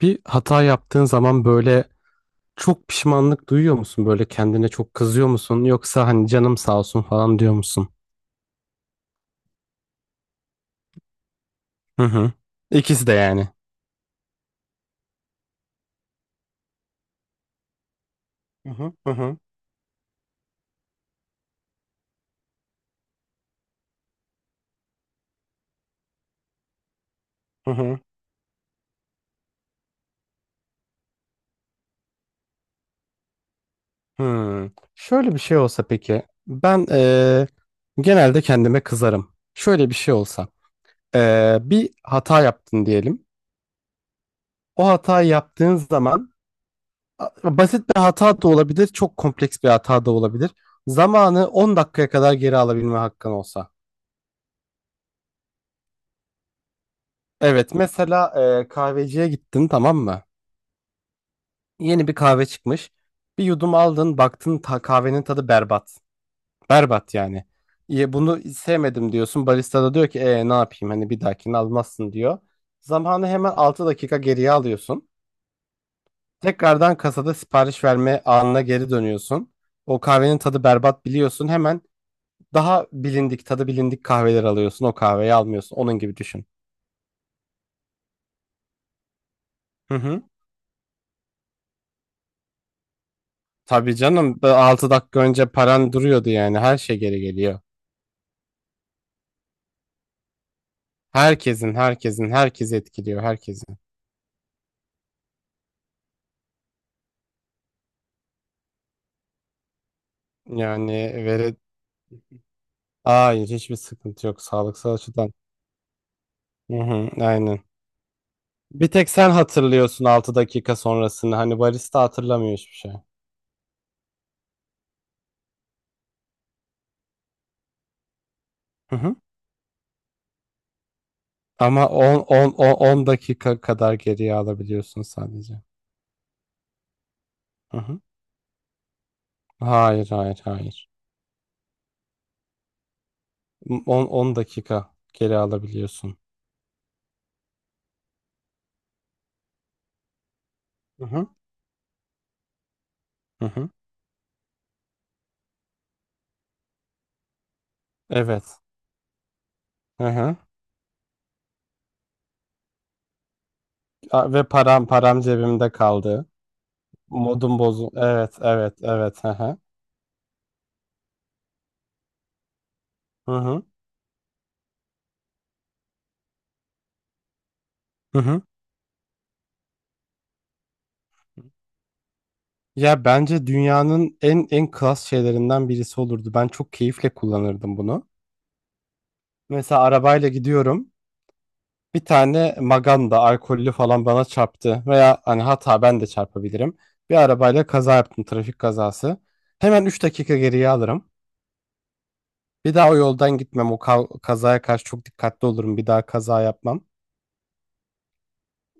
Bir hata yaptığın zaman böyle çok pişmanlık duyuyor musun? Böyle kendine çok kızıyor musun? Yoksa hani canım sağ olsun falan diyor musun? Hı hı. İkisi de yani. Hı hı hı hı hı hı. Hı. Şöyle bir şey olsa peki. Ben genelde kendime kızarım. Şöyle bir şey olsa. Bir hata yaptın diyelim. O hatayı yaptığın zaman basit bir hata da olabilir, çok kompleks bir hata da olabilir. Zamanı 10 dakikaya kadar geri alabilme hakkın olsa. Evet mesela kahveciye gittin, tamam mı? Yeni bir kahve çıkmış. Bir yudum aldın, baktın kahvenin tadı berbat. Berbat yani. Ya bunu sevmedim diyorsun. Barista da diyor ki ne yapayım, hani bir dahakini almazsın diyor. Zamanı hemen 6 dakika geriye alıyorsun. Tekrardan kasada sipariş verme anına geri dönüyorsun. O kahvenin tadı berbat, biliyorsun. Hemen daha bilindik tadı bilindik kahveler alıyorsun. O kahveyi almıyorsun. Onun gibi düşün. Hı hı. Tabii canım, 6 dakika önce paran duruyordu, yani her şey geri geliyor. Herkesin herkes etkiliyor, herkesin. Yani veri hayır, hiçbir sıkıntı yok sağlıksal açıdan. Hı hı, aynen. Bir tek sen hatırlıyorsun 6 dakika sonrasını, hani barista hatırlamıyor hiçbir şey. Hı hı. Ama 10 dakika kadar geriye alabiliyorsun sadece. Hı hı. Hayır, hayır, hayır. 10 dakika geri alabiliyorsun. Hı hı. Hı hı. Evet. Hı hı. Ve param cebimde kaldı. Modum bozu. Evet, evet, evet. Hı hı. Hı hı. Hı hı. Ya bence dünyanın en klas şeylerinden birisi olurdu. Ben çok keyifle kullanırdım bunu. Mesela arabayla gidiyorum. Bir tane maganda alkollü falan bana çarptı, veya hani hata, ben de çarpabilirim. Bir arabayla kaza yaptım, trafik kazası. Hemen 3 dakika geriye alırım. Bir daha o yoldan gitmem. O kazaya karşı çok dikkatli olurum. Bir daha kaza yapmam.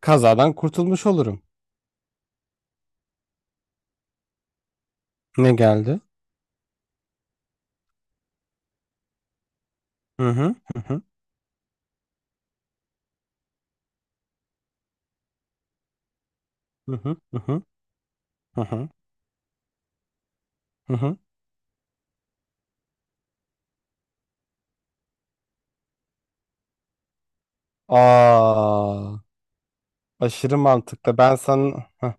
Kazadan kurtulmuş olurum. Ne geldi? Hı hı hı hı hı hı hı hı hı. Hı hı. Hı. Aa, aşırı mantıklı. Ben sana. Heh.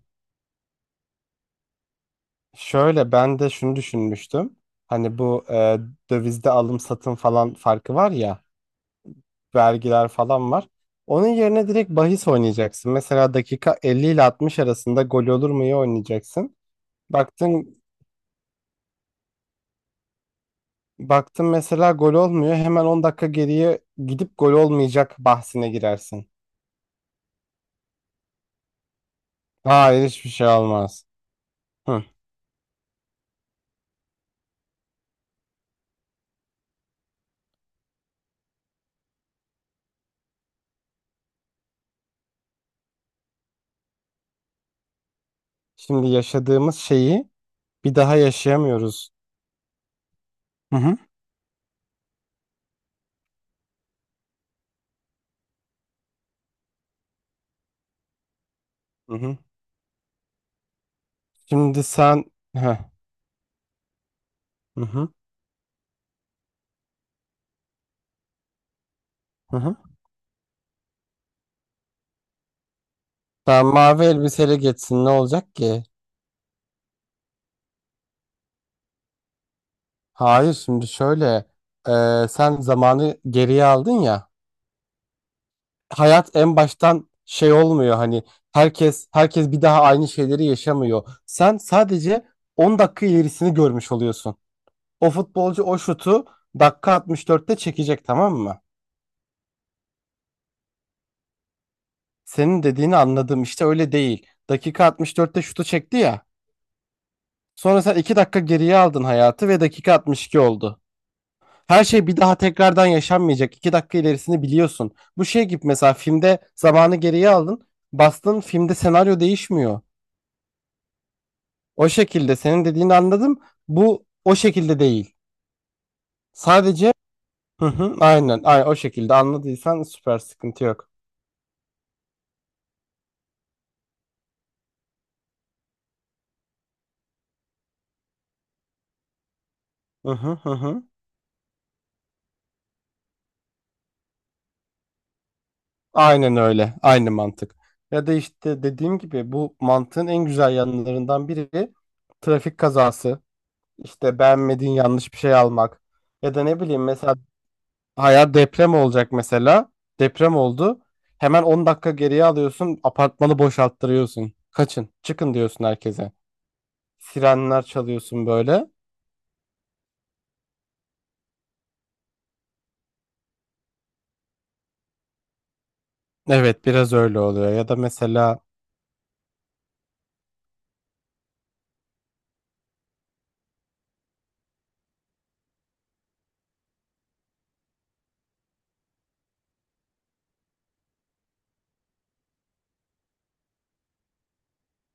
Şöyle ben de şunu düşünmüştüm. Hani bu dövizde alım satım falan farkı var ya, vergiler falan var. Onun yerine direkt bahis oynayacaksın. Mesela dakika 50 ile 60 arasında gol olur mu, iyi oynayacaksın. Baktın baktın mesela gol olmuyor. Hemen 10 dakika geriye gidip gol olmayacak bahsine girersin. Hayır, hiçbir şey olmaz. Hı. Şimdi yaşadığımız şeyi bir daha yaşayamıyoruz. Hı hı. Hı hı. Şimdi sen. Heh. Hı hı. Hı hı. Sen mavi elbiseyle geçsin, ne olacak ki? Hayır, şimdi şöyle, sen zamanı geriye aldın ya, hayat en baştan şey olmuyor, hani herkes bir daha aynı şeyleri yaşamıyor. Sen sadece 10 dakika ilerisini görmüş oluyorsun. O futbolcu o şutu dakika 64'te çekecek, tamam mı? Senin dediğini anladım, işte öyle değil. Dakika 64'te şutu çekti ya. Sonra sen 2 dakika geriye aldın hayatı ve dakika 62 oldu. Her şey bir daha tekrardan yaşanmayacak. 2 dakika ilerisini biliyorsun. Bu şey gibi, mesela filmde zamanı geriye aldın. Bastın, filmde senaryo değişmiyor. O şekilde senin dediğini anladım. Bu o şekilde değil. Sadece, hı hı, aynen, aynen o şekilde anladıysan süper, sıkıntı yok. Hı hı hı hı. Aynen öyle. Aynı mantık. Ya da işte dediğim gibi bu mantığın en güzel yanlarından biri trafik kazası. İşte beğenmediğin yanlış bir şey almak. Ya da ne bileyim, mesela hayat deprem olacak mesela. Deprem oldu. Hemen 10 dakika geriye alıyorsun. Apartmanı boşalttırıyorsun. Kaçın, çıkın diyorsun herkese. Sirenler çalıyorsun böyle. Evet, biraz öyle oluyor. Ya da mesela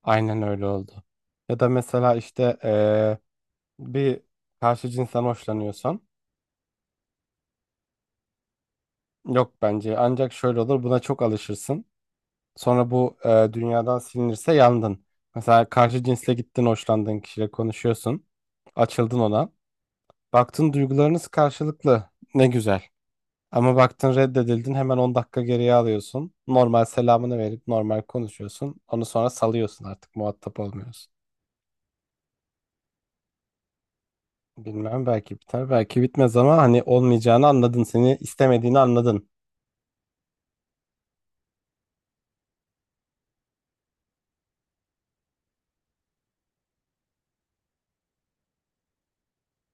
aynen öyle oldu. Ya da mesela işte bir karşı cinsten hoşlanıyorsan. Yok, bence ancak şöyle olur, buna çok alışırsın. Sonra bu dünyadan silinirse yandın. Mesela karşı cinsle gittin, hoşlandığın kişiyle konuşuyorsun. Açıldın ona. Baktın duygularınız karşılıklı. Ne güzel. Ama baktın reddedildin, hemen 10 dakika geriye alıyorsun. Normal selamını verip normal konuşuyorsun. Onu sonra salıyorsun, artık muhatap olmuyorsun. Bilmem, belki biter belki bitmez, ama hani olmayacağını anladın. Seni istemediğini anladın.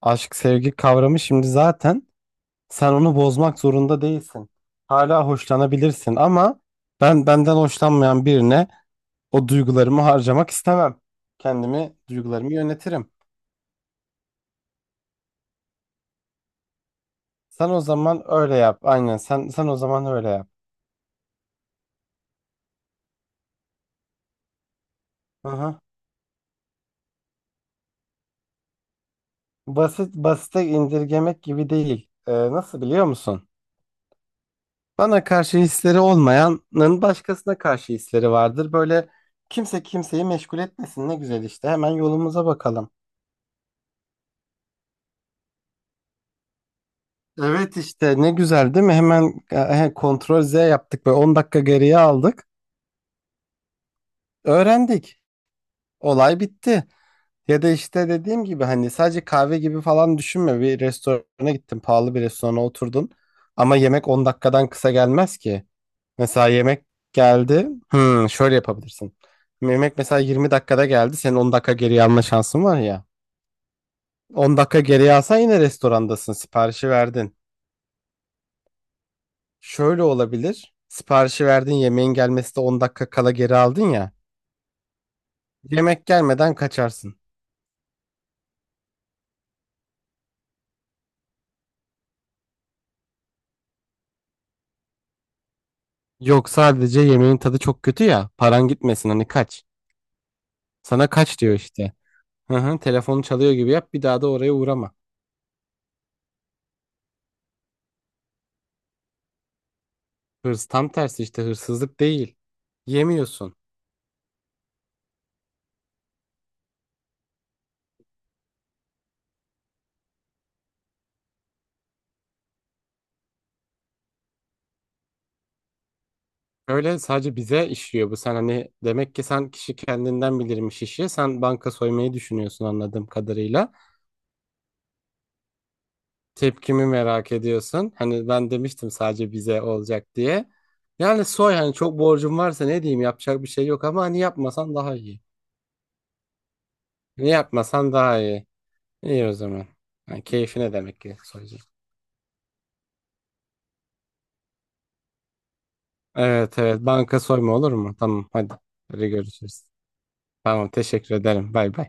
Aşk sevgi kavramı şimdi zaten. Sen onu bozmak zorunda değilsin. Hala hoşlanabilirsin ama ben benden hoşlanmayan birine o duygularımı harcamak istemem. Kendimi, duygularımı yönetirim. Sen o zaman öyle yap. Aynen, sen o zaman öyle yap. Aha. Basit basite indirgemek gibi değil. Nasıl, biliyor musun? Bana karşı hisleri olmayanın başkasına karşı hisleri vardır. Böyle kimse kimseyi meşgul etmesin. Ne güzel işte. Hemen yolumuza bakalım. Evet işte, ne güzel değil mi? Hemen kontrol Z yaptık ve 10 dakika geriye aldık. Öğrendik. Olay bitti. Ya da işte dediğim gibi, hani sadece kahve gibi falan düşünme. Bir restorana gittin, pahalı bir restorana oturdun. Ama yemek 10 dakikadan kısa gelmez ki. Mesela yemek geldi. Hmm, şöyle yapabilirsin. Yemek mesela 20 dakikada geldi. Senin 10 dakika geriye alma şansın var ya. 10 dakika geriye alsan yine restorandasın. Siparişi verdin. Şöyle olabilir. Siparişi verdin, yemeğin gelmesi de 10 dakika kala geri aldın ya. Yemek gelmeden kaçarsın. Yok, sadece yemeğin tadı çok kötü ya. Paran gitmesin, hani kaç. Sana kaç diyor işte. Hı hı, telefonu çalıyor gibi yap, bir daha da oraya uğrama. Hırs tam tersi, işte hırsızlık değil. Yemiyorsun. Öyle, sadece bize işliyor bu. Sen hani, demek ki sen, kişi kendinden bilirmiş işi. Sen banka soymayı düşünüyorsun anladığım kadarıyla. Tepkimi merak ediyorsun. Hani ben demiştim sadece bize olacak diye. Yani soy, hani çok borcum varsa ne diyeyim, yapacak bir şey yok, ama hani yapmasan daha iyi. Ne, yapmasan daha iyi. İyi o zaman. Yani keyfine, demek ki soyacağım. Evet, evet, banka soyma olur mu? Tamam, hadi. Hadi görüşürüz. Tamam, teşekkür ederim. Bay bay.